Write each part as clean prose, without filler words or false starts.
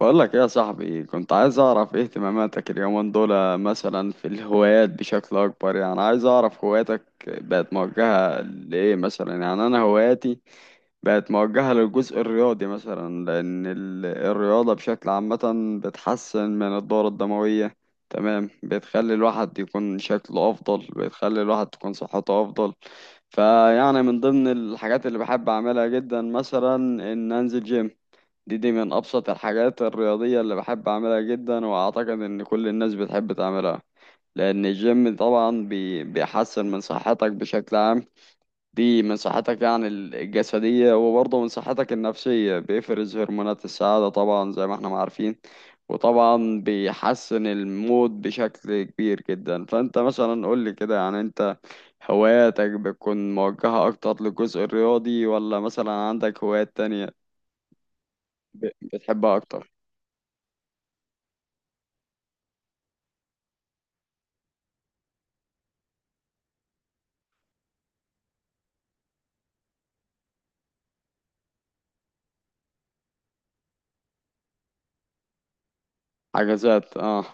بقول لك ايه يا صاحبي؟ كنت عايز اعرف ايه اهتماماتك اليومين دول، مثلا في الهوايات بشكل اكبر. يعني عايز اعرف هواياتك بقت موجهة لايه مثلا. يعني انا هواياتي بقت موجهة للجزء الرياضي مثلا، لان الرياضة بشكل عامة بتحسن من الدورة الدموية. تمام، بتخلي الواحد يكون شكله افضل، بتخلي الواحد تكون صحته افضل. فيعني من ضمن الحاجات اللي بحب اعملها جدا مثلا ان انزل جيم. دي من أبسط الحاجات الرياضية اللي بحب أعملها جدا، وأعتقد إن كل الناس بتحب تعملها. لأن الجيم طبعا بيحسن من صحتك بشكل عام. دي من صحتك يعني الجسدية، وبرضه من صحتك النفسية. بيفرز هرمونات السعادة طبعا زي ما احنا ما عارفين. وطبعا بيحسن المود بشكل كبير جدا. فأنت مثلا قول لي كده، يعني أنت هواياتك بتكون موجهة أكتر للجزء الرياضي، ولا مثلا عندك هوايات تانية بتحبها أكتر؟ حجزات، اه.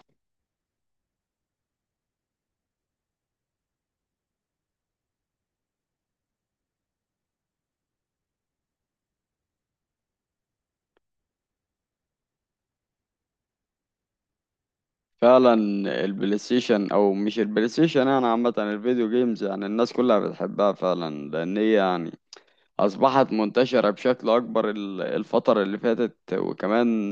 فعلا البلاي ستيشن، او مش البلاي ستيشن، يعني عامه الفيديو جيمز يعني الناس كلها بتحبها فعلا. لان هي يعني اصبحت منتشره بشكل اكبر الفتره اللي فاتت. وكمان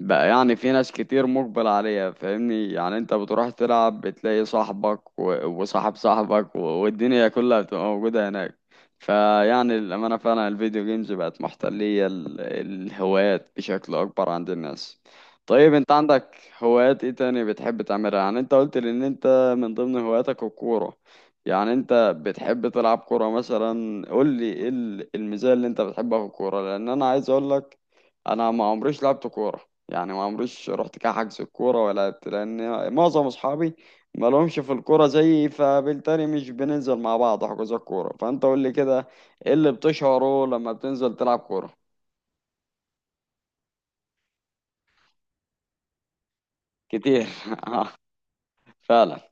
بقى يعني في ناس كتير مقبل عليها، فاهمني؟ يعني انت بتروح تلعب بتلاقي صاحبك وصاحب صاحبك والدنيا كلها بتبقى موجودة هناك. فيعني للأمانة فعلا الفيديو جيمز بقت محتلية الهوايات بشكل أكبر عند الناس. طيب انت عندك هوايات ايه تاني بتحب تعملها؟ يعني انت قلت لي ان انت من ضمن هواياتك الكورة. يعني انت بتحب تلعب كورة مثلا. قول لي ايه الميزة اللي انت بتحبها في الكورة، لان انا عايز اقول لك انا ما عمريش لعبت كورة. يعني ما عمريش رحت كحجز الكورة ولا لعبت، لأن معظم أصحابي ما لهمش في الكورة زيي، فبالتالي مش بننزل مع بعض حجوزات الكورة. فأنت قول لي كده، إيه اللي بتشعره لما بتنزل تلعب كورة؟ كتير آه، فعلا.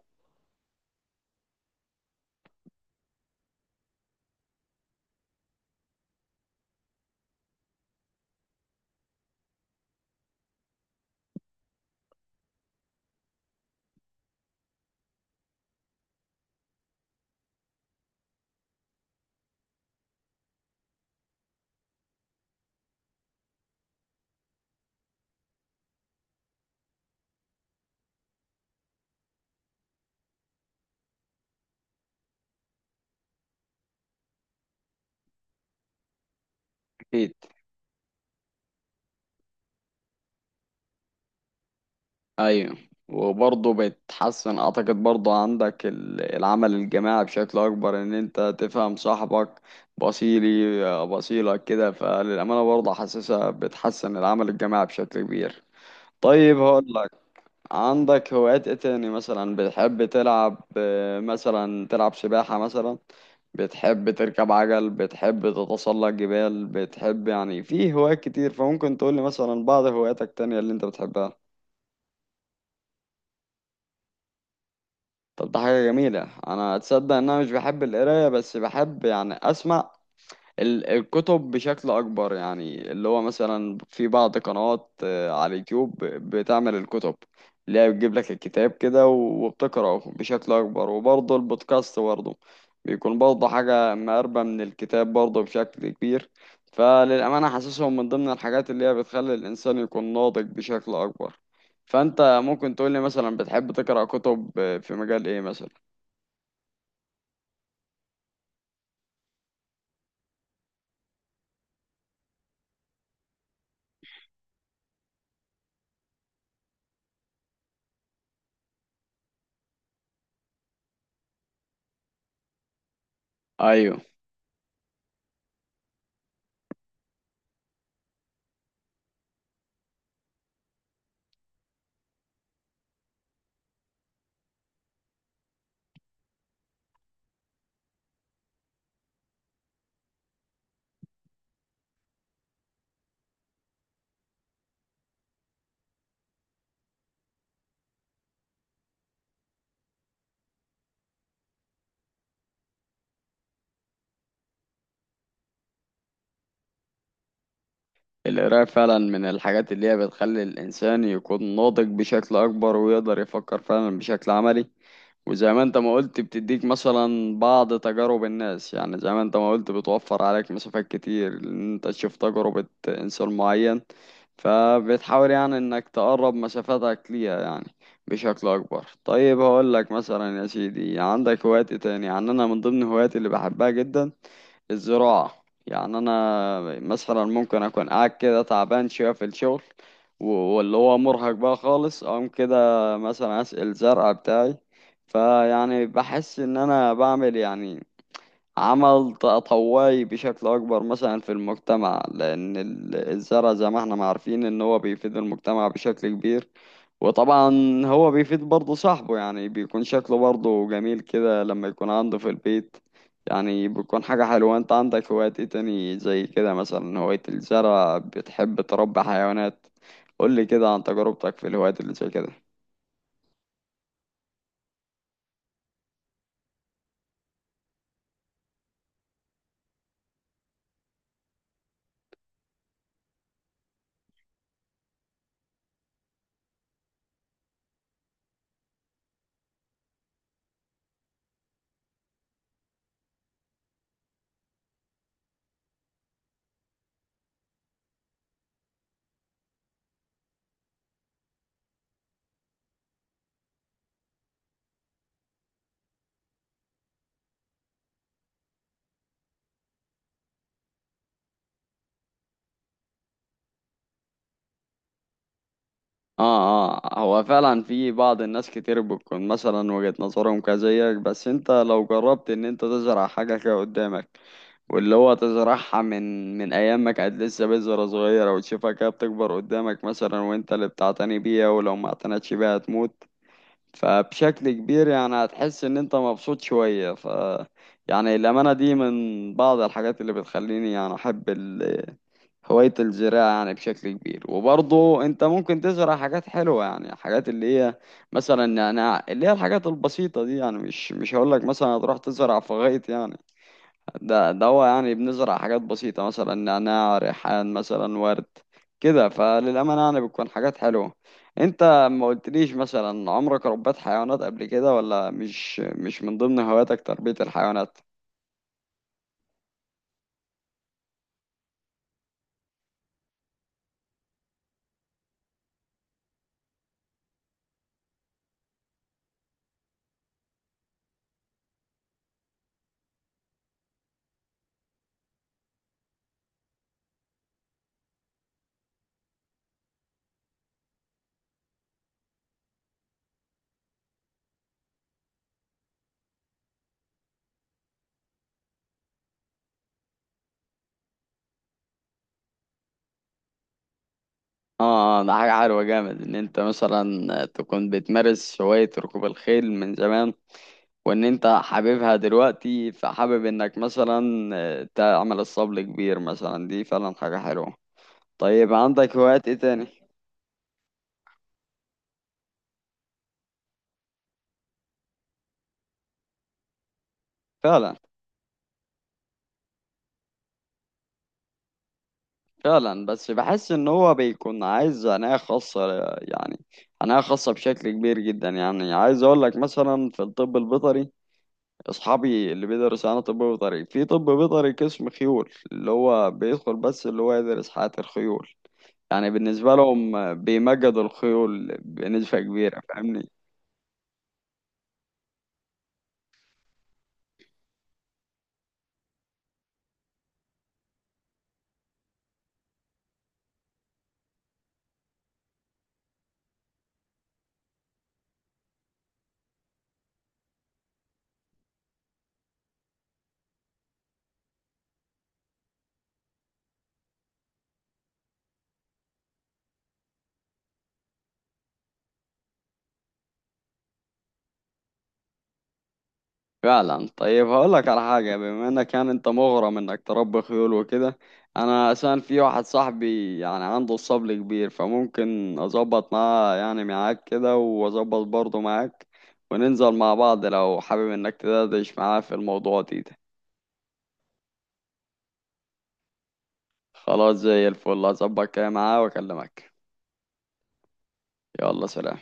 أكيد. أيوه. وبرضه بتحسن، أعتقد برضه عندك العمل الجماعي بشكل أكبر، إن أنت تفهم صاحبك بصيلي بصيلك كده. فللأمانة برضه حاسسها بتحسن العمل الجماعي بشكل كبير. طيب هقول لك، عندك هوايات ايه تاني مثلا بتحب تلعب؟ مثلا تلعب سباحة مثلا، بتحب تركب عجل، بتحب تتسلق جبال، بتحب. يعني في هوايات كتير، فممكن تقولي مثلا بعض هواياتك التانية اللي انت بتحبها. طب ده حاجة جميلة. انا اتصدق ان انا مش بحب القراية، بس بحب يعني اسمع الكتب بشكل أكبر. يعني اللي هو مثلا في بعض قنوات على اليوتيوب بتعمل الكتب اللي هي بتجيب لك الكتاب كده وبتقرأه بشكل أكبر. وبرضه البودكاست برضه بيكون برضه حاجة مقربة من الكتاب برضه بشكل كبير. فللأمانة حاسسهم من ضمن الحاجات اللي هي بتخلي الإنسان يكون ناضج بشكل أكبر. فأنت ممكن تقولي مثلا، بتحب تقرأ كتب في مجال إيه مثلا؟ أيوه. القراية فعلا من الحاجات اللي هي بتخلي الإنسان يكون ناضج بشكل أكبر، ويقدر يفكر فعلا بشكل عملي. وزي ما أنت ما قلت، بتديك مثلا بعض تجارب الناس. يعني زي ما أنت ما قلت بتوفر عليك مسافات كتير، إن أنت تشوف تجربة إنسان معين، فبتحاول يعني إنك تقرب مسافاتك ليها يعني بشكل أكبر. طيب هقول لك مثلا يا سيدي، عندك هوايات إيه تاني؟ يعني أنا من ضمن هواياتي اللي بحبها جدا الزراعة. يعني أنا مثلا ممكن أكون قاعد كده تعبان شوية في الشغل واللي هو مرهق بقى خالص، أقوم كده مثلا أسقي الزرع بتاعي. فيعني بحس إن أنا بعمل يعني عمل تطوعي بشكل أكبر مثلا في المجتمع، لأن الزرع زي ما احنا ما عارفين إن هو بيفيد المجتمع بشكل كبير. وطبعا هو بيفيد برضه صاحبه، يعني بيكون شكله برضه جميل كده لما يكون عنده في البيت. يعني بيكون حاجة حلوة. انت عندك هوايات ايه تاني زي كده مثلا، هواية الزرع، بتحب تربي حيوانات؟ قولي كده عن تجربتك في الهوايات اللي زي كده. اه اه. هو فعلا في بعض الناس كتير بتكون مثلا وجهة نظرهم كزيك، بس انت لو جربت ان انت تزرع حاجة كده قدامك، واللي هو تزرعها من ايام ما كانت لسه بذرة صغيرة، وتشوفها كده بتكبر قدامك مثلا، وانت اللي بتعتني بيها، ولو ما اعتنتش بيها هتموت. فبشكل كبير يعني هتحس ان انت مبسوط شوية. ف يعني الأمانة دي من بعض الحاجات اللي بتخليني يعني أحب هواية الزراعة يعني بشكل كبير. وبرضه انت ممكن تزرع حاجات حلوة، يعني حاجات اللي هي مثلا نعناع، اللي هي الحاجات البسيطة دي. يعني مش هقول لك مثلا هتروح تزرع فغيط يعني. ده هو يعني بنزرع حاجات بسيطة، مثلا نعناع، ريحان مثلا، ورد كده. فللأمانة يعني بتكون حاجات حلوة. انت ما قلتليش مثلا عمرك ربيت حيوانات قبل كده، ولا مش من ضمن هواياتك تربية الحيوانات؟ اه. ده حاجة حلوة جامد ان انت مثلا تكون بتمارس هواية ركوب الخيل من زمان، وان انت حاببها دلوقتي، فحابب انك مثلا تعمل الصبل كبير مثلا. دي فعلا حاجة حلوة. طيب عندك هوايات ايه تاني؟ فعلا. فعلا بس بحس ان هو بيكون عايز عناية خاصة يعني، عناية خاصة بشكل كبير جدا. يعني عايز اقول لك مثلا في الطب البيطري، اصحابي اللي بيدرس انا طب بيطري، في طب بيطري قسم خيول اللي هو بيدخل بس اللي هو يدرس حياة الخيول. يعني بالنسبة لهم بيمجدوا الخيول بنسبة كبيرة، فاهمني؟ فعلا. طيب هقول لك على حاجة، بما انك كان انت مغرم انك تربي خيول وكده، انا عشان في واحد صاحبي يعني عنده الصبل كبير، فممكن اظبط معاه يعني، معاك كده، واظبط برضه معاك وننزل مع بعض لو حابب انك تدردش معاه في الموضوع دي. خلاص، زي الفل، هظبط كده معاه واكلمك. يلا سلام.